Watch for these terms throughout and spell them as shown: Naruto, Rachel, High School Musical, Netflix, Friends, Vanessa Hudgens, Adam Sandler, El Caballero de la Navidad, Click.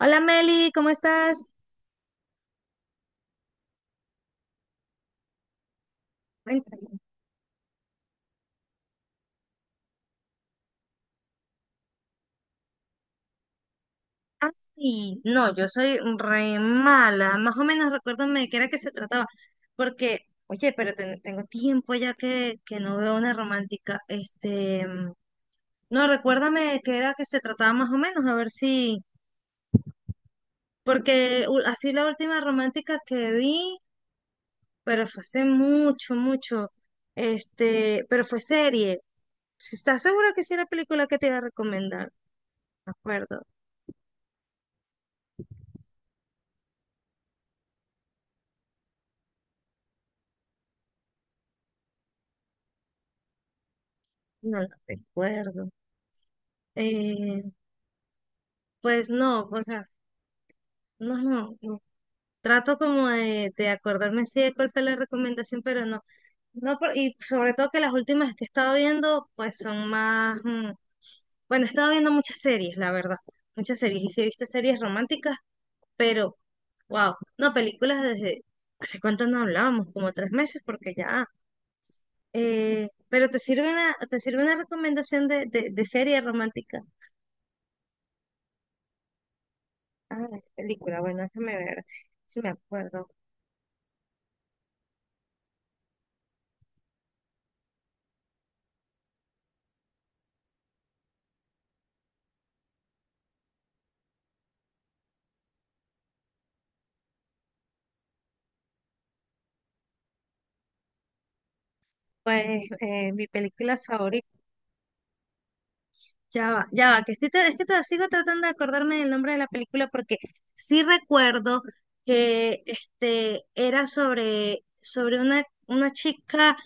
Hola Meli, ¿cómo estás? Cuéntame. Ay, no, yo soy re mala. Más o menos recuérdame de qué era que se trataba. Porque, oye, pero tengo tiempo ya que no veo una romántica. No, recuérdame de qué era que se trataba más o menos, a ver si. Porque así la última romántica que vi, pero fue hace mucho, mucho. Pero fue serie. Si, ¿estás segura que sí es la película que te iba a recomendar? Me acuerdo. No la recuerdo. Eh, pues no, o sea, no, no, no. Trato como de acordarme sí de cuál fue la recomendación, pero no, no, y sobre todo que las últimas que he estado viendo, pues son más, bueno, he estado viendo muchas series, la verdad, muchas series, y sí he visto series románticas, pero, wow, no, películas desde, ¿hace cuánto no hablábamos? Como tres meses, porque ya, pero te sirve una recomendación de serie romántica. Ah, es película, bueno, déjame ver si me acuerdo. Pues mi película favorita, ya va, que estoy, es que todavía sigo tratando de acordarme del nombre de la película porque sí recuerdo que era sobre, sobre una chica.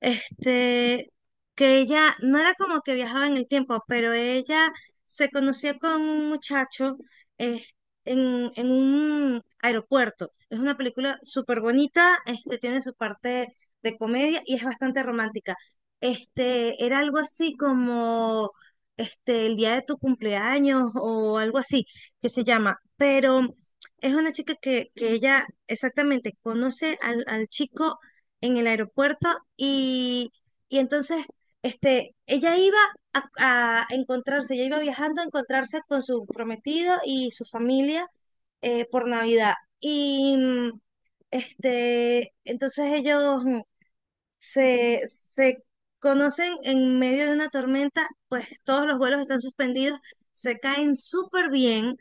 Este, que ella no era como que viajaba en el tiempo, pero ella se conoció con un muchacho eh, en un aeropuerto. Es una película súper bonita, tiene su parte de comedia y es bastante romántica. Era algo así como el día de tu cumpleaños o algo así que se llama, pero es una chica que ella exactamente conoce al, al chico en el aeropuerto y, y entonces ella iba a, a encontrarse, ella iba viajando a encontrarse con su prometido y su familia por Navidad. Y mm, entonces ellos, se, se conocen en medio de una tormenta, pues todos los vuelos están suspendidos, se caen súper bien,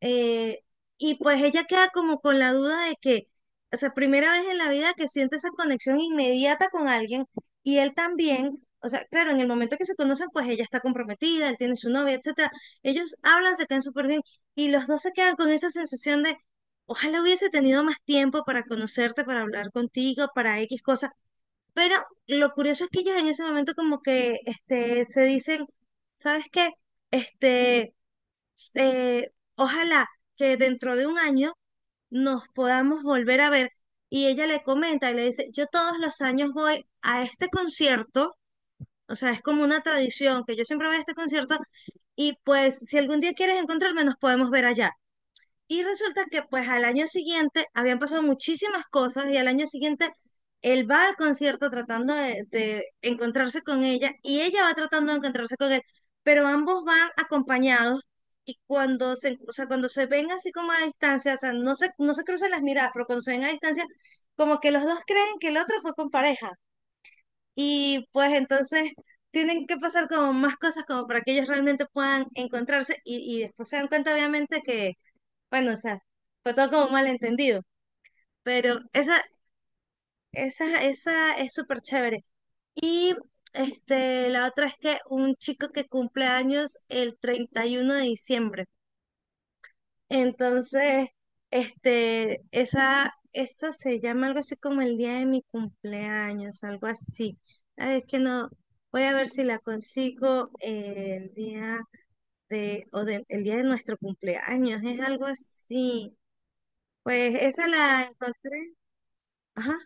eh, y pues ella queda como con la duda de que, o sea, primera vez en la vida que siente esa conexión inmediata con alguien y él también. O sea, claro, en el momento que se conocen, pues ella está comprometida, él tiene su novia, etcétera. Ellos hablan, se caen súper bien y los dos se quedan con esa sensación de, ojalá hubiese tenido más tiempo para conocerte, para hablar contigo, para X cosas, pero lo curioso es que ellos en ese momento como que se dicen, ¿sabes qué? Este, ojalá que dentro de un año nos podamos volver a ver. Y ella le comenta y le dice, yo todos los años voy a este concierto, o sea, es como una tradición que yo siempre voy a este concierto, y pues si algún día quieres encontrarme nos podemos ver allá. Y resulta que pues al año siguiente habían pasado muchísimas cosas y al año siguiente él va al concierto tratando de encontrarse con ella y ella va tratando de encontrarse con él, pero ambos van acompañados, y cuando se, o sea, cuando se ven así como a distancia, o sea, no se cruzan las miradas, pero cuando se ven a distancia, como que los dos creen que el otro fue con pareja, y pues entonces tienen que pasar como más cosas como para que ellos realmente puedan encontrarse, y después se dan cuenta obviamente que bueno, o sea, fue todo como un malentendido, pero esa es súper chévere. La otra es que un chico que cumple años el 31 de diciembre. Entonces, esa se llama algo así como el día de mi cumpleaños, algo así. Ay, es que no, voy a ver si la consigo el día de, el día de nuestro cumpleaños, es algo así. Pues esa la encontré. Ajá.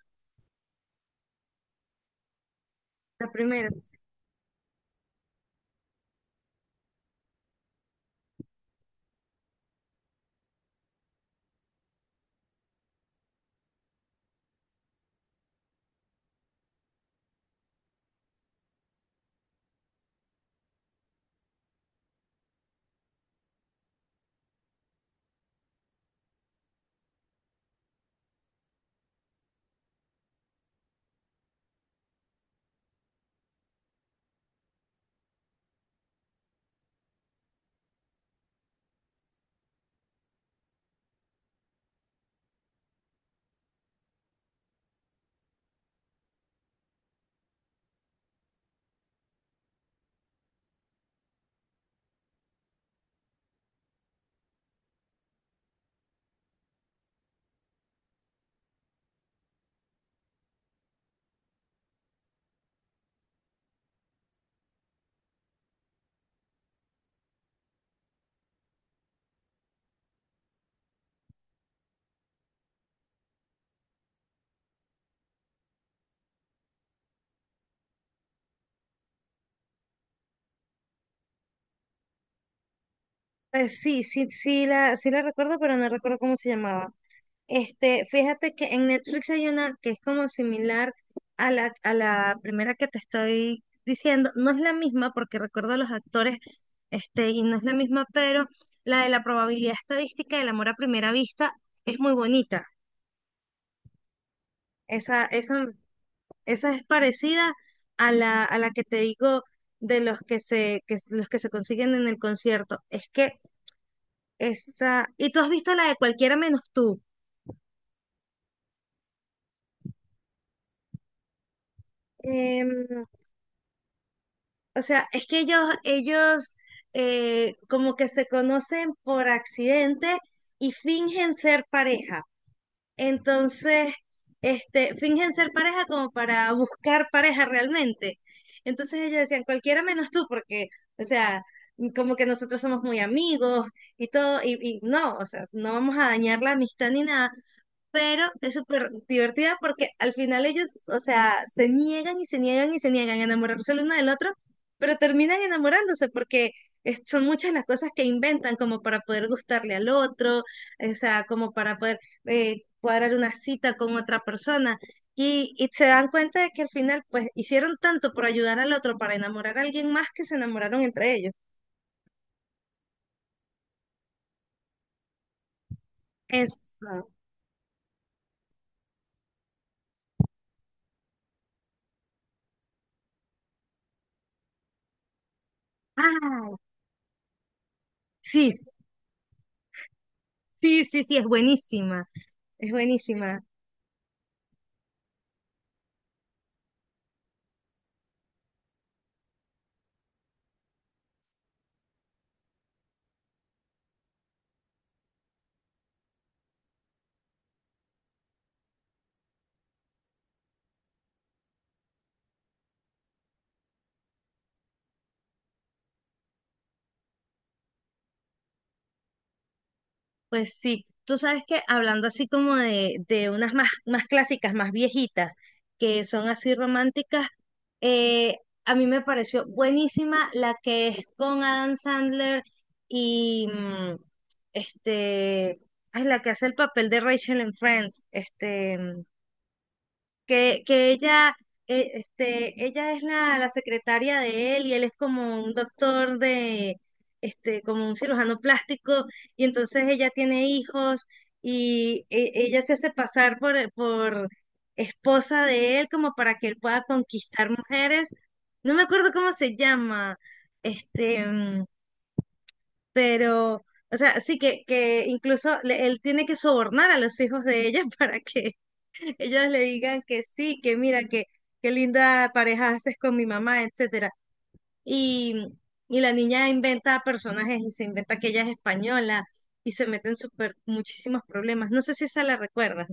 La primera. Pues sí, sí, sí la, sí la recuerdo, pero no recuerdo cómo se llamaba. Fíjate que en Netflix hay una que es como similar a la primera que te estoy diciendo. No es la misma porque recuerdo a los actores, y no es la misma, pero la de la probabilidad estadística del amor a primera vista es muy bonita. Esa, esa, esa es parecida a la que te digo de los que se, que, los que se consiguen en el concierto. Es que esa, y tú, ¿has visto la de cualquiera menos tú? Em, o sea, es que ellos como que se conocen por accidente y fingen ser pareja. Entonces, fingen ser pareja como para buscar pareja realmente. Entonces ellos decían, cualquiera menos tú, porque, o sea, como que nosotros somos muy amigos y todo, y no, o sea, no vamos a dañar la amistad ni nada, pero es súper divertida porque al final ellos, o sea, se niegan y se niegan y se niegan a enamorarse el uno del otro, pero terminan enamorándose porque son muchas las cosas que inventan como para poder gustarle al otro, o sea, como para poder cuadrar una cita con otra persona. Y se dan cuenta de que al final, pues, hicieron tanto por ayudar al otro para enamorar a alguien más que se enamoraron entre ellos. Eso. Ah, sí, sí, sí, sí, es buenísima. Es buenísima. Pues sí, tú sabes que hablando así como de unas más, más clásicas, más viejitas, que son así románticas, eh, a mí me pareció buenísima la que es con Adam Sandler y mm, este, es la que hace el papel de Rachel en Friends, que ella, ella es la, la secretaria de él y él es como un doctor de, como un cirujano plástico, y entonces ella tiene hijos y ella se hace pasar por esposa de él como para que él pueda conquistar mujeres. No me acuerdo cómo se llama, este, mm, pero, o sea, sí que incluso él tiene que sobornar a los hijos de ella para que ellas le digan que sí, que mira, que qué linda pareja haces con mi mamá, etcétera. Y, y la niña inventa personajes y se inventa que ella es española, y se meten súper muchísimos problemas. No sé si esa la recuerdas.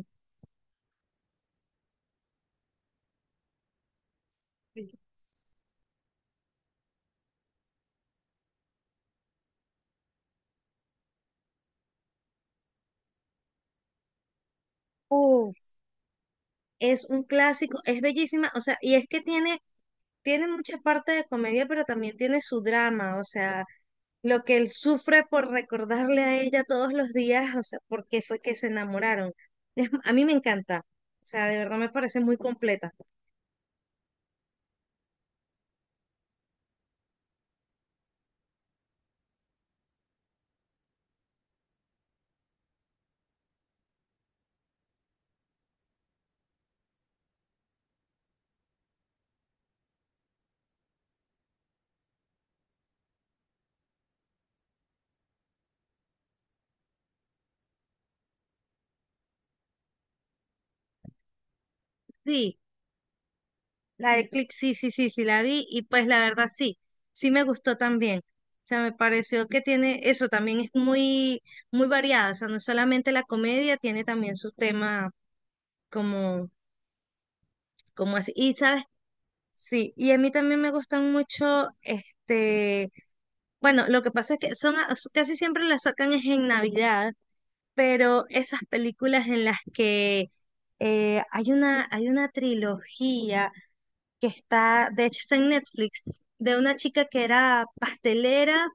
Uf, es un clásico, es bellísima, o sea, y es que tiene, tiene mucha parte de comedia, pero también tiene su drama, o sea, lo que él sufre por recordarle a ella todos los días, o sea, por qué fue que se enamoraron. A mí me encanta, o sea, de verdad me parece muy completa. Sí, la de Click, sí, sí, sí, sí, la vi y pues la verdad sí, sí me gustó también. O sea, me pareció que tiene eso, también es muy, muy variada, o sea, no es solamente la comedia, tiene también su tema como, como así. Y sabes, sí, y a mí también me gustan mucho, bueno, lo que pasa es que son casi siempre las sacan es en Navidad, pero esas películas en las que hay una trilogía que está, de hecho está en Netflix, de una chica que era pastelera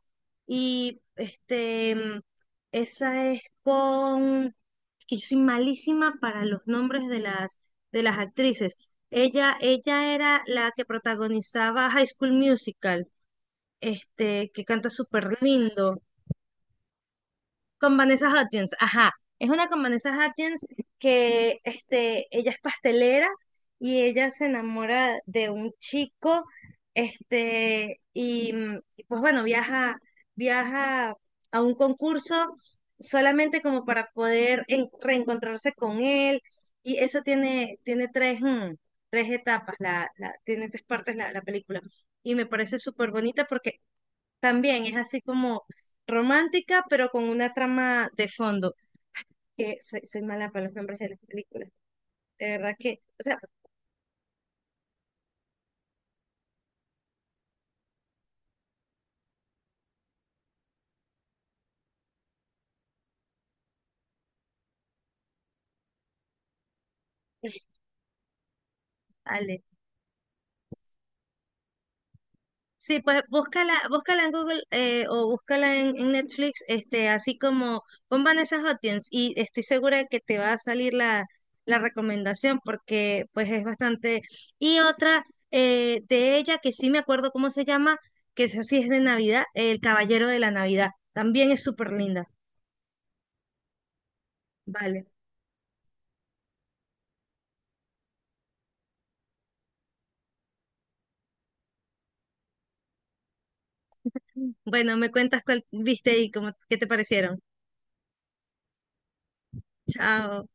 y esa es con, es que yo soy malísima para los nombres de las actrices. Ella era la que protagonizaba High School Musical, que canta súper lindo. Con Vanessa Hudgens, ajá. Es una con Vanessa Hudgens que ella es pastelera y ella se enamora de un chico, y pues bueno, viaja, viaja a un concurso solamente como para poder reencontrarse con él. Y eso tiene, tiene tres, tres etapas, la, tiene tres partes la, la película. Y me parece súper bonita porque también es así como romántica, pero con una trama de fondo. Que soy, soy mala para los nombres de las películas. De verdad que, o sea, vale. Sí, pues búscala, búscala en Google, o búscala en Netflix, así como pon Vanessa Hudgens y estoy segura de que te va a salir la, la recomendación porque pues es bastante. Y otra de ella que sí me acuerdo cómo se llama, que es así, es de Navidad, El Caballero de la Navidad. También es súper linda. Vale. Bueno, me cuentas cuál viste y cómo, qué te parecieron. Chao.